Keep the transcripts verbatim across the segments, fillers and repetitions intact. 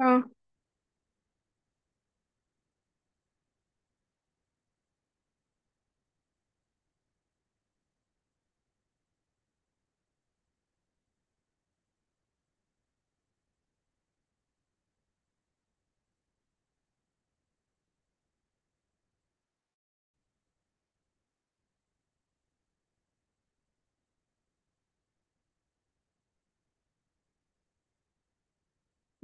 اه.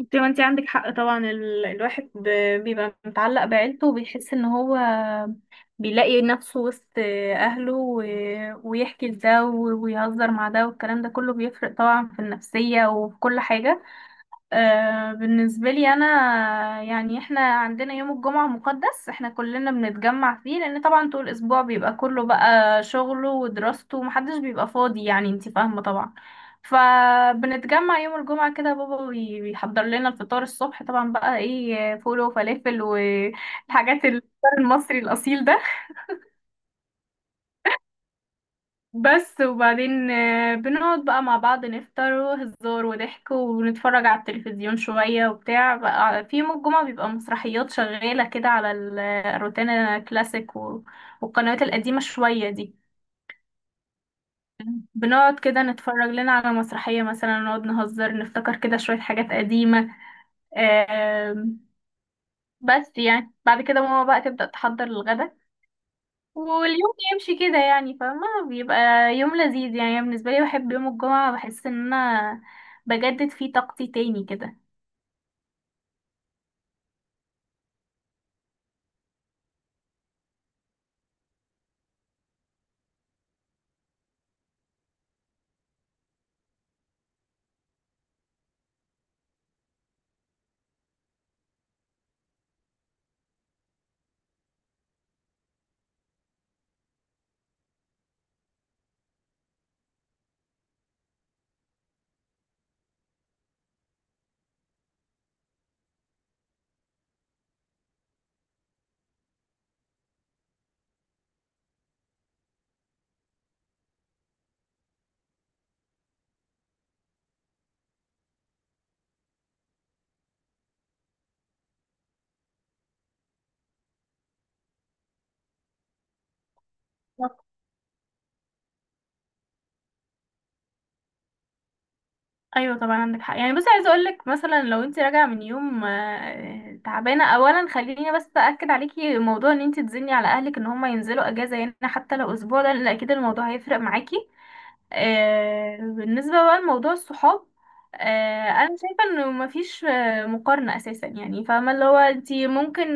انت ما انت عندك حق طبعا. ال... الواحد ب... بيبقى متعلق بعيلته وبيحس ان هو بيلاقي نفسه وسط اهله و... ويحكي لده و... ويهزر مع ده، والكلام ده كله بيفرق طبعا في النفسية وفي كل حاجة. آه، بالنسبة لي أنا، يعني إحنا عندنا يوم الجمعة مقدس، إحنا كلنا بنتجمع فيه، لأن طبعا طول الأسبوع بيبقى كله بقى شغله ودراسته ومحدش بيبقى فاضي، يعني انتي فاهمة طبعا. فبنتجمع يوم الجمعة كده، بابا بي- بيحضر لنا الفطار الصبح، طبعا بقى إيه، فول وفلافل والحاجات، الفطار المصري الأصيل ده. بس وبعدين آه، بنقعد بقى مع بعض نفطر وهزار وضحك ونتفرج على التلفزيون شوية وبتاع، بقى في يوم الجمعة بيبقى مسرحيات شغالة كده على ال- الروتانا كلاسيك و- والقنوات القديمة شوية دي. بنقعد كده نتفرج لنا على مسرحية مثلا، نقعد نهزر نفتكر كده شوية حاجات قديمة. آم، بس يعني بعد كده ماما بقى تبدأ تحضر الغدا، واليوم يمشي كده، يعني فاهمة، بيبقى يوم لذيذ. يعني أنا بالنسبة لي بحب يوم الجمعة، بحس ان انا بجدد فيه طاقتي تاني كده. ايوه طبعا عندك حق. يعني بصي، عايزه اقول لك مثلا لو انت راجعه من يوم آه، تعبانه، اولا خليني بس اكد عليكي موضوع ان انت تزني على اهلك ان هم ينزلوا اجازه، يعني حتى لو اسبوع، ده لان اكيد الموضوع هيفرق معاكي. آه، بالنسبة بقى لموضوع الصحاب، آه، أنا شايفة إنه مفيش آه، مقارنة أساسا. يعني فاهمة، اللي هو أنتي ممكن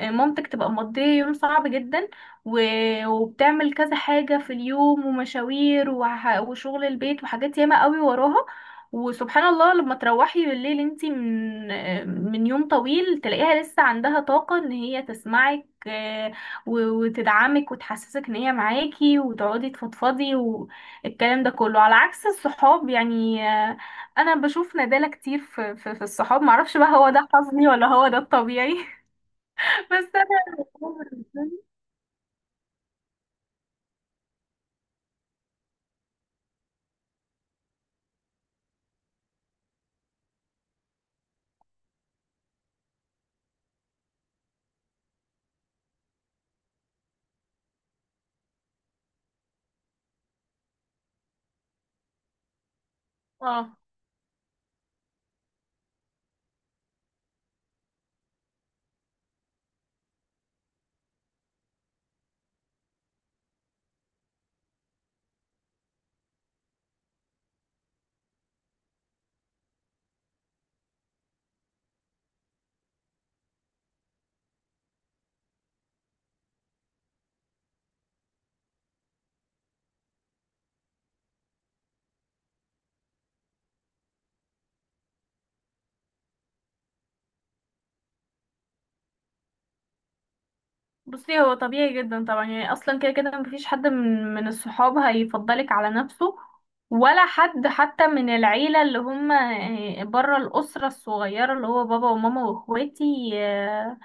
مامتك تبقى مقضية يوم صعب جدا و- وبتعمل كذا حاجة في اليوم، ومشاوير وح- وشغل البيت وحاجات ياما قوي وراها، وسبحان الله لما تروحي بالليل انتي من آه، من يوم طويل تلاقيها لسه عندها طاقة ان هي تسمعك آه، و- وتدعمك وتحسسك ان هي معاكي، وتقعدي تفضفضي. الكلام ده كله على عكس الصحاب، يعني آه، انا بشوف ندالة كتير في في, في الصحاب، معرفش بقى هو ده حظي ولا هو ده الطبيعي. بس انا. اه. بصي هو طبيعي جدا طبعا، يعني اصلا كده كده مفيش حد من من الصحاب هيفضلك على نفسه، ولا حد حتى من العيلة اللي هم بره الأسرة الصغيرة اللي هو بابا وماما واخواتي. آه،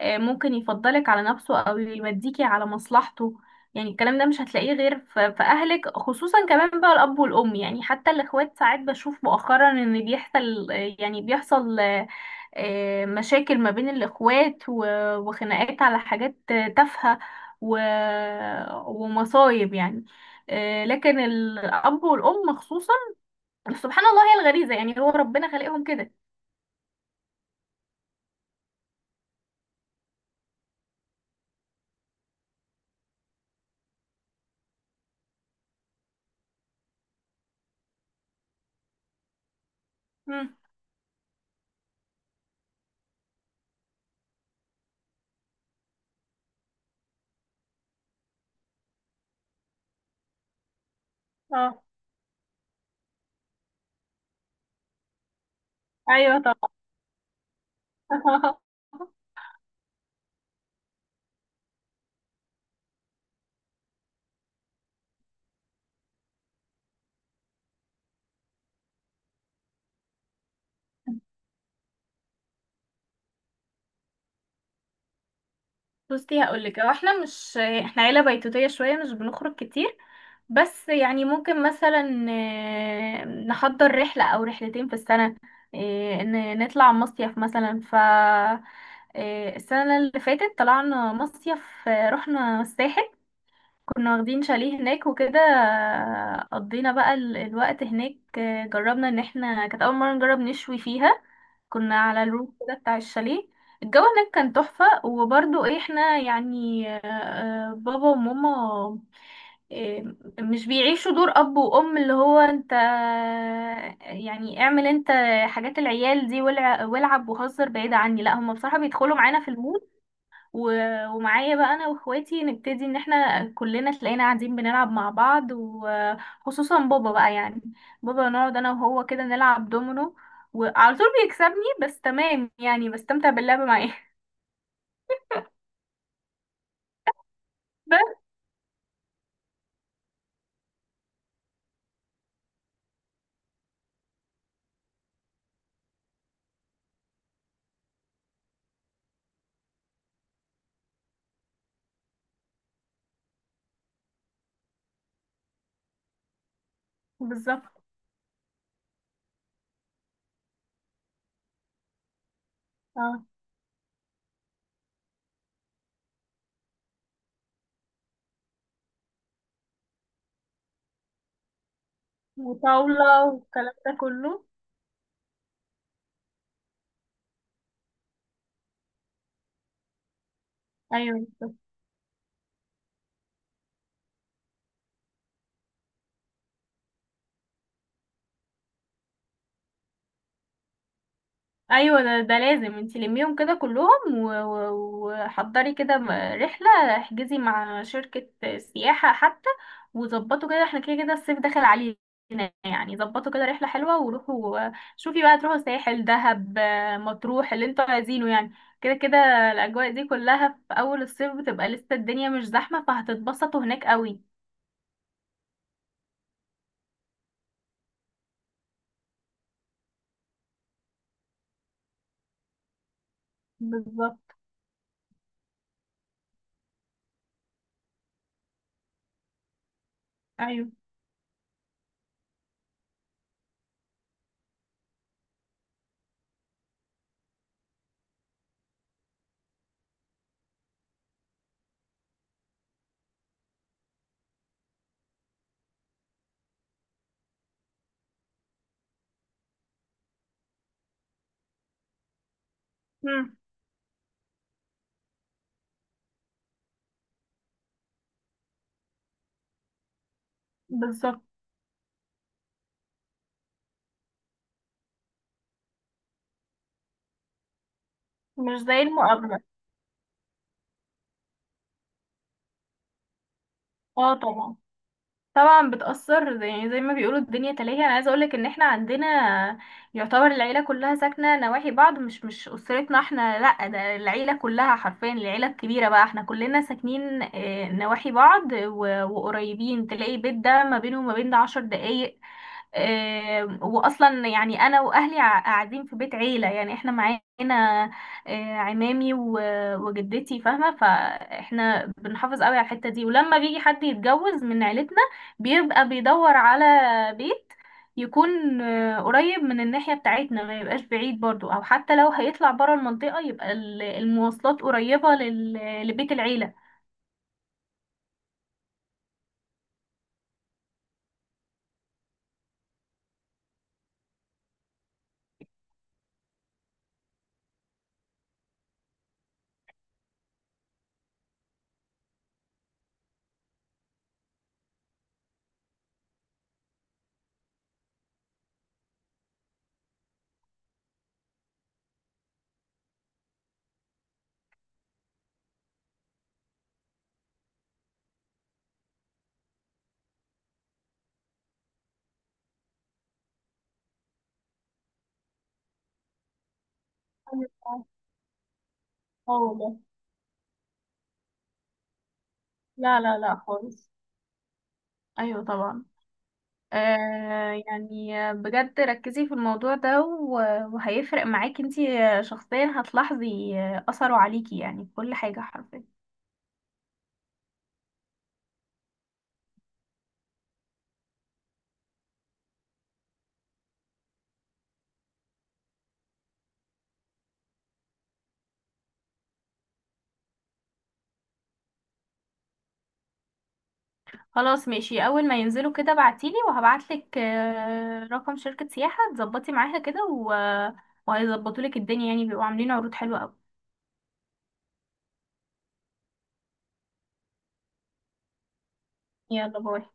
آه، ممكن يفضلك على نفسه او يوديكي على مصلحته. يعني الكلام ده مش هتلاقيه غير ف- في اهلك، خصوصا كمان بقى الاب والام. يعني حتى الاخوات ساعات بشوف مؤخرا ان بيحصل آه، يعني بيحصل آه، آه، مشاكل ما بين الاخوات و- وخناقات على حاجات آه، تافهة و- ومصايب يعني. آه، لكن الاب والام خصوصا سبحان الله، هي الغريزة، يعني هو ربنا خلقهم كده. مم. اه. ايوه. طبعا. بصي هقولك، هو احنا مش احنا عيلة بيتوتية شوية، مش بنخرج كتير. بس يعني ممكن مثلا آه، نحضر رحلة او رحلتين في السنة. آه، ن- نطلع مصيف مثلا، ف آه، السنة اللي فاتت طلعنا مصيف. آه، رحنا الساحل، كنا واخدين شاليه هناك وكده. آه، قضينا بقى ال- الوقت هناك. آه، جربنا ان احنا كانت اول مرة نجرب نشوي فيها، كنا على الروف كده بتاع الشاليه. الجو هناك كان تحفة. وبرضو إيه، احنا يعني آه، آه، بابا وماما آه، مش بيعيشوا دور اب وام اللي هو انت آه، يعني اعمل انت حاجات العيال دي والع- والعب وهزر بعيد عني. لا، هم بصراحة بيدخلوا معانا في المود و- ومعايا بقى انا واخواتي نبتدي، ان احنا كلنا تلاقينا قاعدين بنلعب مع بعض، وخصوصا بابا بقى، يعني بابا نقعد انا وهو كده نلعب دومينو وعلى طول بيكسبني، بس تمام يعني بستمتع باللعب معاه. بس. بالظبط. اه. وطاولة والكلام ده كله. ايوه. ايوه، ده, ده لازم انتي لميهم كده كلهم و- و- وحضري كده م- رحله، احجزي مع شركه سياحه حتى، وظبطوا كده، احنا كده كده الصيف داخل علينا، يعني ظبطوا كده رحله حلوه وروحوا. شوفي بقى، تروحوا ساحل دهب آه، مطروح اللي انتوا عايزينه يعني. كده كده الاجواء دي كلها في اول الصيف بتبقى لسه الدنيا مش زحمه، فهتتبسطوا هناك قوي. بالظبط. ايوه. امم. بالظبط. مش زي المقابله. اه طبعا. طبعا بتأثر، زي- يعني زي ما بيقولوا الدنيا تلاهي. انا عايزه اقولك ان احنا عندنا، يعتبر العيله كلها ساكنه نواحي بعض، مش مش اسرتنا احنا لا، ده العيله كلها حرفيا، العيله الكبيره بقى احنا كلنا ساكنين آه، نواحي بعض و- وقريبين، تلاقي بيت ده ما بينه وما بين ده عشر دقايق. آه، واصلا يعني انا واهلي ع- قاعدين في بيت عيله، يعني احنا معانا آه، عمامي و- وجدتي فاهمه. فاحنا بنحافظ قوي على الحته دي، ولما بيجي حد يتجوز من عيلتنا بيبقى بيدور على بيت يكون آه، قريب من الناحية بتاعتنا، ما يبقاش بعيد، برضو، او حتى لو هيطلع برا المنطقة يبقى ال- المواصلات قريبة لل... لبيت العيلة. أيوة. اه والله. لا لا لا خالص. ايوه طبعا. آه يعني بجد ركزي في الموضوع ده و- وهيفرق معاكي انتي شخصيا، هتلاحظي اثره عليكي يعني في كل حاجة حرفيا. خلاص ماشي، اول ما ينزلوا كده بعتيلي وهبعتلك آه، رقم شركة سياحة تظبطي معاها كده و... وهيظبطولك الدنيا، يعني بيبقوا عاملين عروض حلوة قوي. يلا باي.